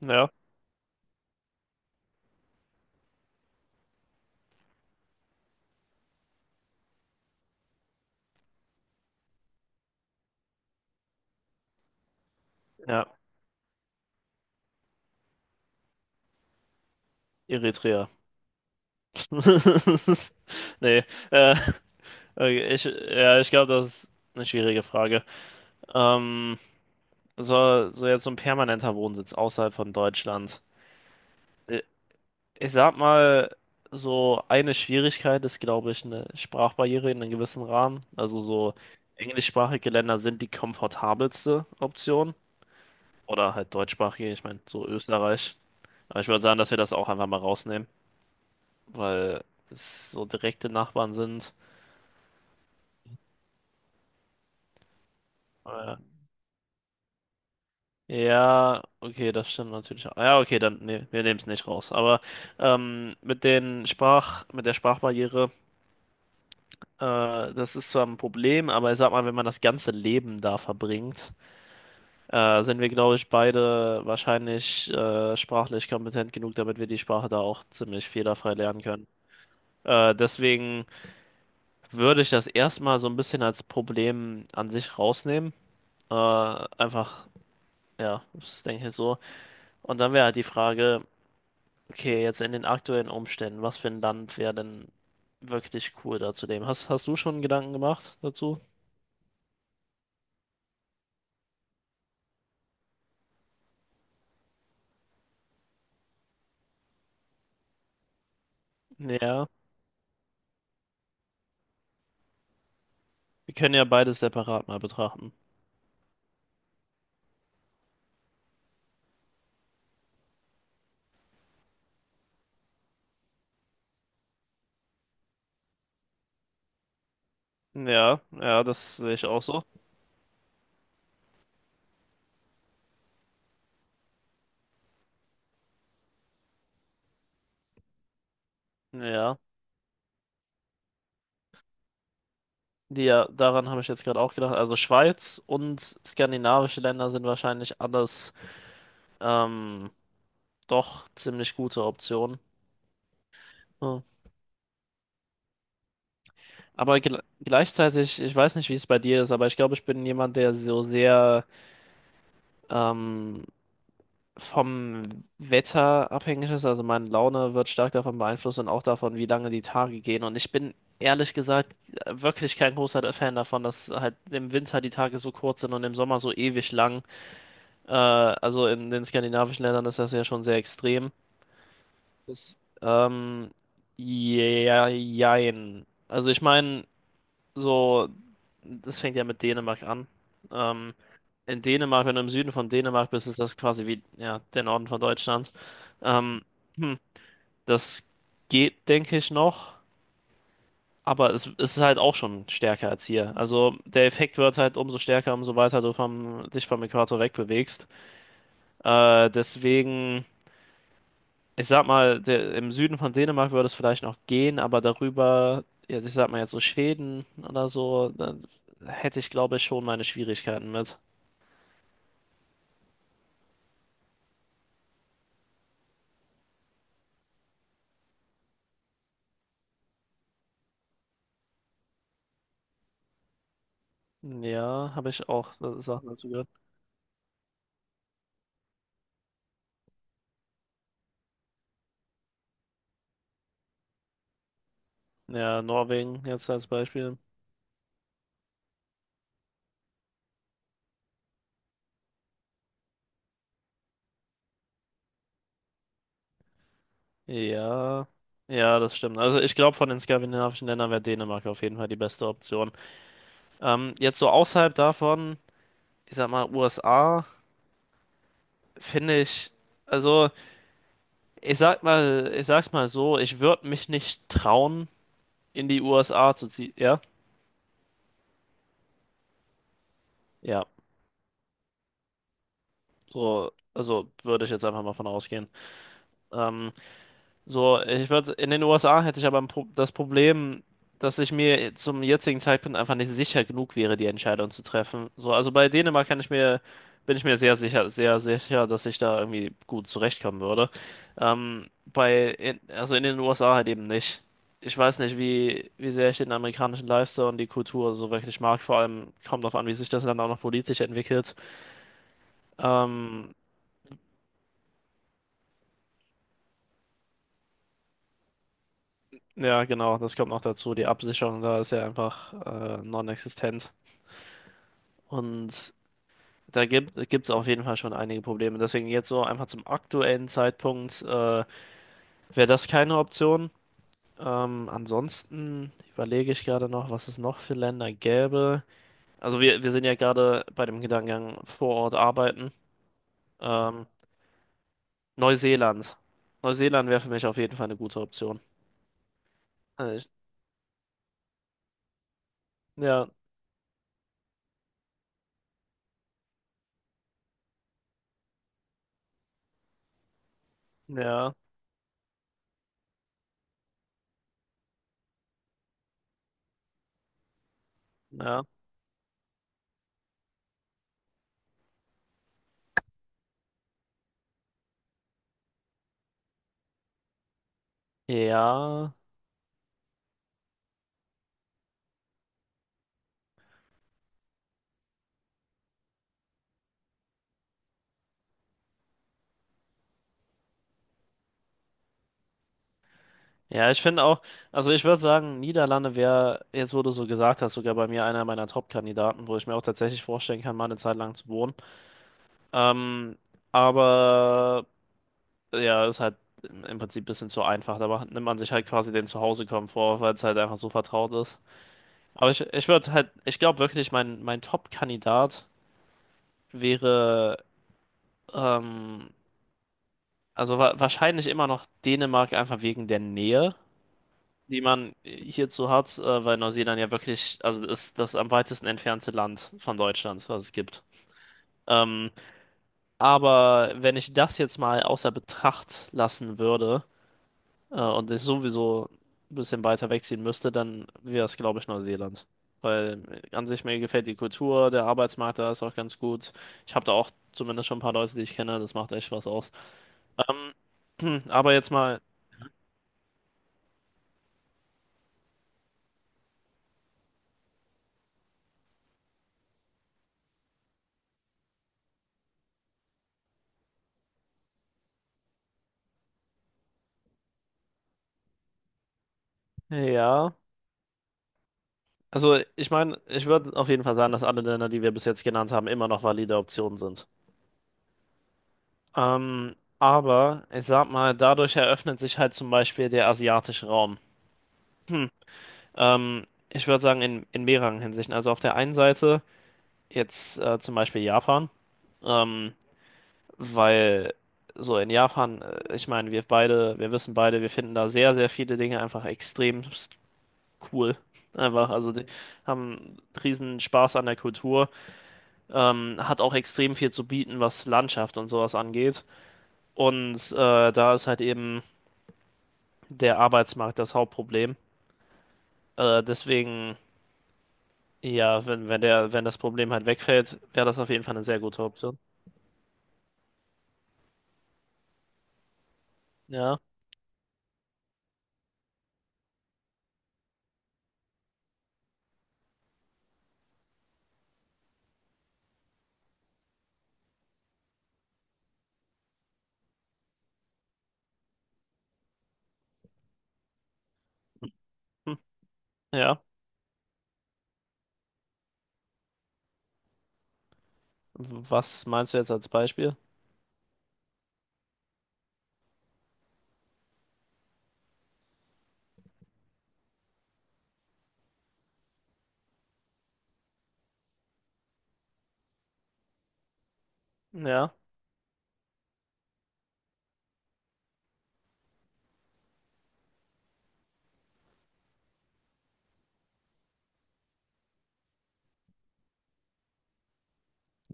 Ja, ja, Eritrea. Nee, äh, okay, ja, ich glaube, das ist eine schwierige Frage. Ähm, so jetzt so ein permanenter Wohnsitz außerhalb von Deutschland. Äh, Ich sag mal, so eine Schwierigkeit ist, glaube ich, eine Sprachbarriere in einem gewissen Rahmen. Also so englischsprachige Länder sind die komfortabelste Option. Oder halt deutschsprachige, ich meine, so Österreich. Aber ich würde sagen, dass wir das auch einfach mal rausnehmen, weil es so direkte Nachbarn sind. Äh, Ja, okay, das stimmt natürlich auch. Ja, okay, dann, nee, wir nehmen es nicht raus. Aber mit der Sprachbarriere, das ist zwar ein Problem, aber ich sag mal, wenn man das ganze Leben da verbringt, sind wir, glaube ich, beide wahrscheinlich sprachlich kompetent genug, damit wir die Sprache da auch ziemlich fehlerfrei lernen können. Deswegen würde ich das erstmal so ein bisschen als Problem an sich rausnehmen. Äh, einfach, ja, das denke ich so. Und dann wäre halt die Frage. Okay, jetzt in den aktuellen Umständen, was für ein Land wäre denn wirklich cool da zu leben? Hast du schon Gedanken gemacht dazu? Ja, wir können ja beides separat mal betrachten. Ja, ja, das sehe ich auch so. Ja, ja, daran habe ich jetzt gerade auch gedacht. Also Schweiz und skandinavische Länder sind wahrscheinlich alles ähm, doch ziemlich gute Optionen. Ja. Aber gel gleichzeitig, ich weiß nicht, wie es bei dir ist, aber ich glaube, ich bin jemand, der so sehr ähm, vom Wetter abhängig ist. Also meine Laune wird stark davon beeinflusst und auch davon, wie lange die Tage gehen. Und ich bin ehrlich gesagt wirklich kein großer Fan davon, dass halt im Winter die Tage so kurz sind und im Sommer so ewig lang. Also in den skandinavischen Ländern ist das ja schon sehr extrem. Das, Ähm, ja, jein. Also ich meine so, das fängt ja mit Dänemark an. Ähm, in Dänemark, wenn du im Süden von Dänemark bist, ist das quasi wie, ja, der Norden von Deutschland. Ähm, hm, das geht, denke ich, noch, aber es ist halt auch schon stärker als hier. Also der Effekt wird halt umso stärker, umso weiter du dich vom Äquator wegbewegst. Deswegen. Ich sag mal, im Süden von Dänemark würde es vielleicht noch gehen, aber darüber, ja, ich sag mal jetzt so Schweden oder so, dann hätte ich glaube ich schon meine Schwierigkeiten mit. Ja, habe ich auch so Sachen dazu gehört. Ja, Norwegen jetzt als Beispiel. Ja, ja, das stimmt. Also ich glaube, von den skandinavischen Ländern wäre Dänemark auf jeden Fall die beste Option. Jetzt so außerhalb davon, ich sag mal, USA, finde ich, also ich sag mal, ich sag's mal so, ich würde mich nicht trauen in die USA zu ziehen, ja? Ja, so, also würde ich jetzt einfach mal von ausgehen. Ähm, in den USA hätte ich aber ein Pro das Problem, dass ich mir zum jetzigen Zeitpunkt einfach nicht sicher genug wäre, die Entscheidung zu treffen. So, also bei Dänemark bin ich mir sehr sicher, dass ich da irgendwie gut zurechtkommen würde. Also in den USA halt eben nicht. Ich weiß nicht, wie sehr ich den amerikanischen Lifestyle und die Kultur so wirklich mag. Vor allem kommt darauf an, wie sich das Land auch noch politisch entwickelt. Ähm, ja, genau, das kommt noch dazu. Die Absicherung da ist ja einfach non-existent. Und da gibt es auf jeden Fall schon einige Probleme. Deswegen jetzt so einfach zum aktuellen Zeitpunkt wäre das keine Option. Ansonsten überlege ich gerade noch, was es noch für Länder gäbe. Also wir sind ja gerade bei dem Gedankengang vor Ort arbeiten. Ähm, Neuseeland. Neuseeland wäre für mich auf jeden Fall eine gute Option. Also ich, ja, ja, ja. Ja, Ja, ich finde auch, also ich würde sagen, Niederlande wäre, jetzt wo du so gesagt hast, sogar bei mir einer meiner Top-Kandidaten, wo ich mir auch tatsächlich vorstellen kann, mal eine Zeit lang zu wohnen. Ähm, aber ja, ist halt im Prinzip ein bisschen zu einfach. Nimmt man sich halt quasi den Zuhause-Komfort, weil es halt einfach so vertraut ist. Aber ich würde halt, ich glaube wirklich, mein Top-Kandidat wäre, ähm, also wa wahrscheinlich immer noch Dänemark, einfach wegen der Nähe die man hierzu hat, weil Neuseeland ja wirklich, also ist das am weitesten entfernte Land von Deutschland, was es gibt. Ähm, aber wenn ich das jetzt mal außer Betracht lassen würde, und ich sowieso ein bisschen weiter wegziehen müsste, dann wäre es, glaube ich, Neuseeland. Weil an sich mir gefällt die Kultur, der Arbeitsmarkt da ist auch ganz gut. Ich habe da auch zumindest schon ein paar Leute, die ich kenne, das macht echt was aus. Aber jetzt mal, ja. Also ich meine, ich würde auf jeden Fall sagen, dass alle Länder, die wir bis jetzt genannt haben, immer noch valide Optionen sind. Aber ich sag mal, dadurch eröffnet sich halt zum Beispiel der asiatische Raum. Ähm, Ich würde sagen, in mehreren Hinsichten. Also auf der einen Seite jetzt zum Beispiel Japan, ähm, weil so in Japan, ich meine, wir beide, wir wissen beide, wir finden da sehr, sehr viele Dinge einfach extrem cool. Einfach, also die haben riesen Spaß an der Kultur. Hat auch extrem viel zu bieten, was Landschaft und sowas angeht. Und da ist halt eben der Arbeitsmarkt das Hauptproblem. Äh, deswegen, ja, wenn das Problem halt wegfällt, wäre das auf jeden Fall eine sehr gute Option. Ja, hm. Ja. Was meinst du jetzt als Beispiel? Ja,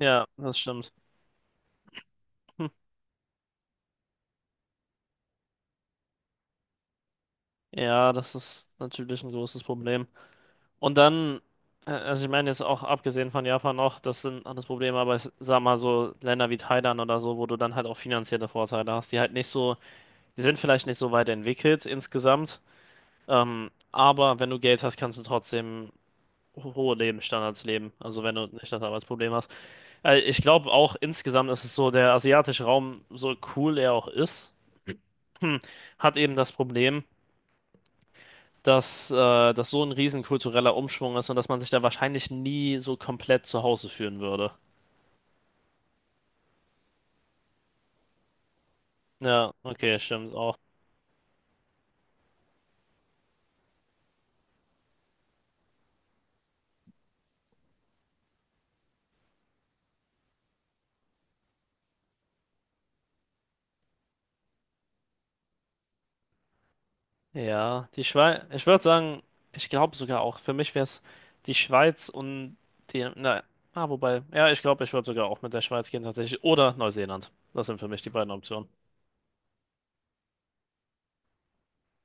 ja, das stimmt. Hm. Ja, das ist natürlich ein großes Problem. Und dann, also ich meine jetzt auch abgesehen von Japan noch, das sind alles Probleme, aber ich sag mal so Länder wie Thailand oder so, wo du dann halt auch finanzielle Vorteile hast, die sind vielleicht nicht so weit entwickelt insgesamt, aber wenn du Geld hast, kannst du trotzdem hohe Lebensstandards leben, also wenn du nicht das Arbeitsproblem hast. Ich glaube auch insgesamt ist es so, der asiatische Raum, so cool er auch ist, hat eben das Problem, dass das so ein riesen kultureller Umschwung ist und dass man sich da wahrscheinlich nie so komplett zu Hause fühlen würde. Ja, okay, stimmt auch. Ja, die Schweiz, ich würde sagen, ich glaube sogar auch, für mich wäre es die Schweiz und die, na, wobei, ja, ich glaube, ich würde sogar auch mit der Schweiz gehen tatsächlich oder Neuseeland. Das sind für mich die beiden Optionen.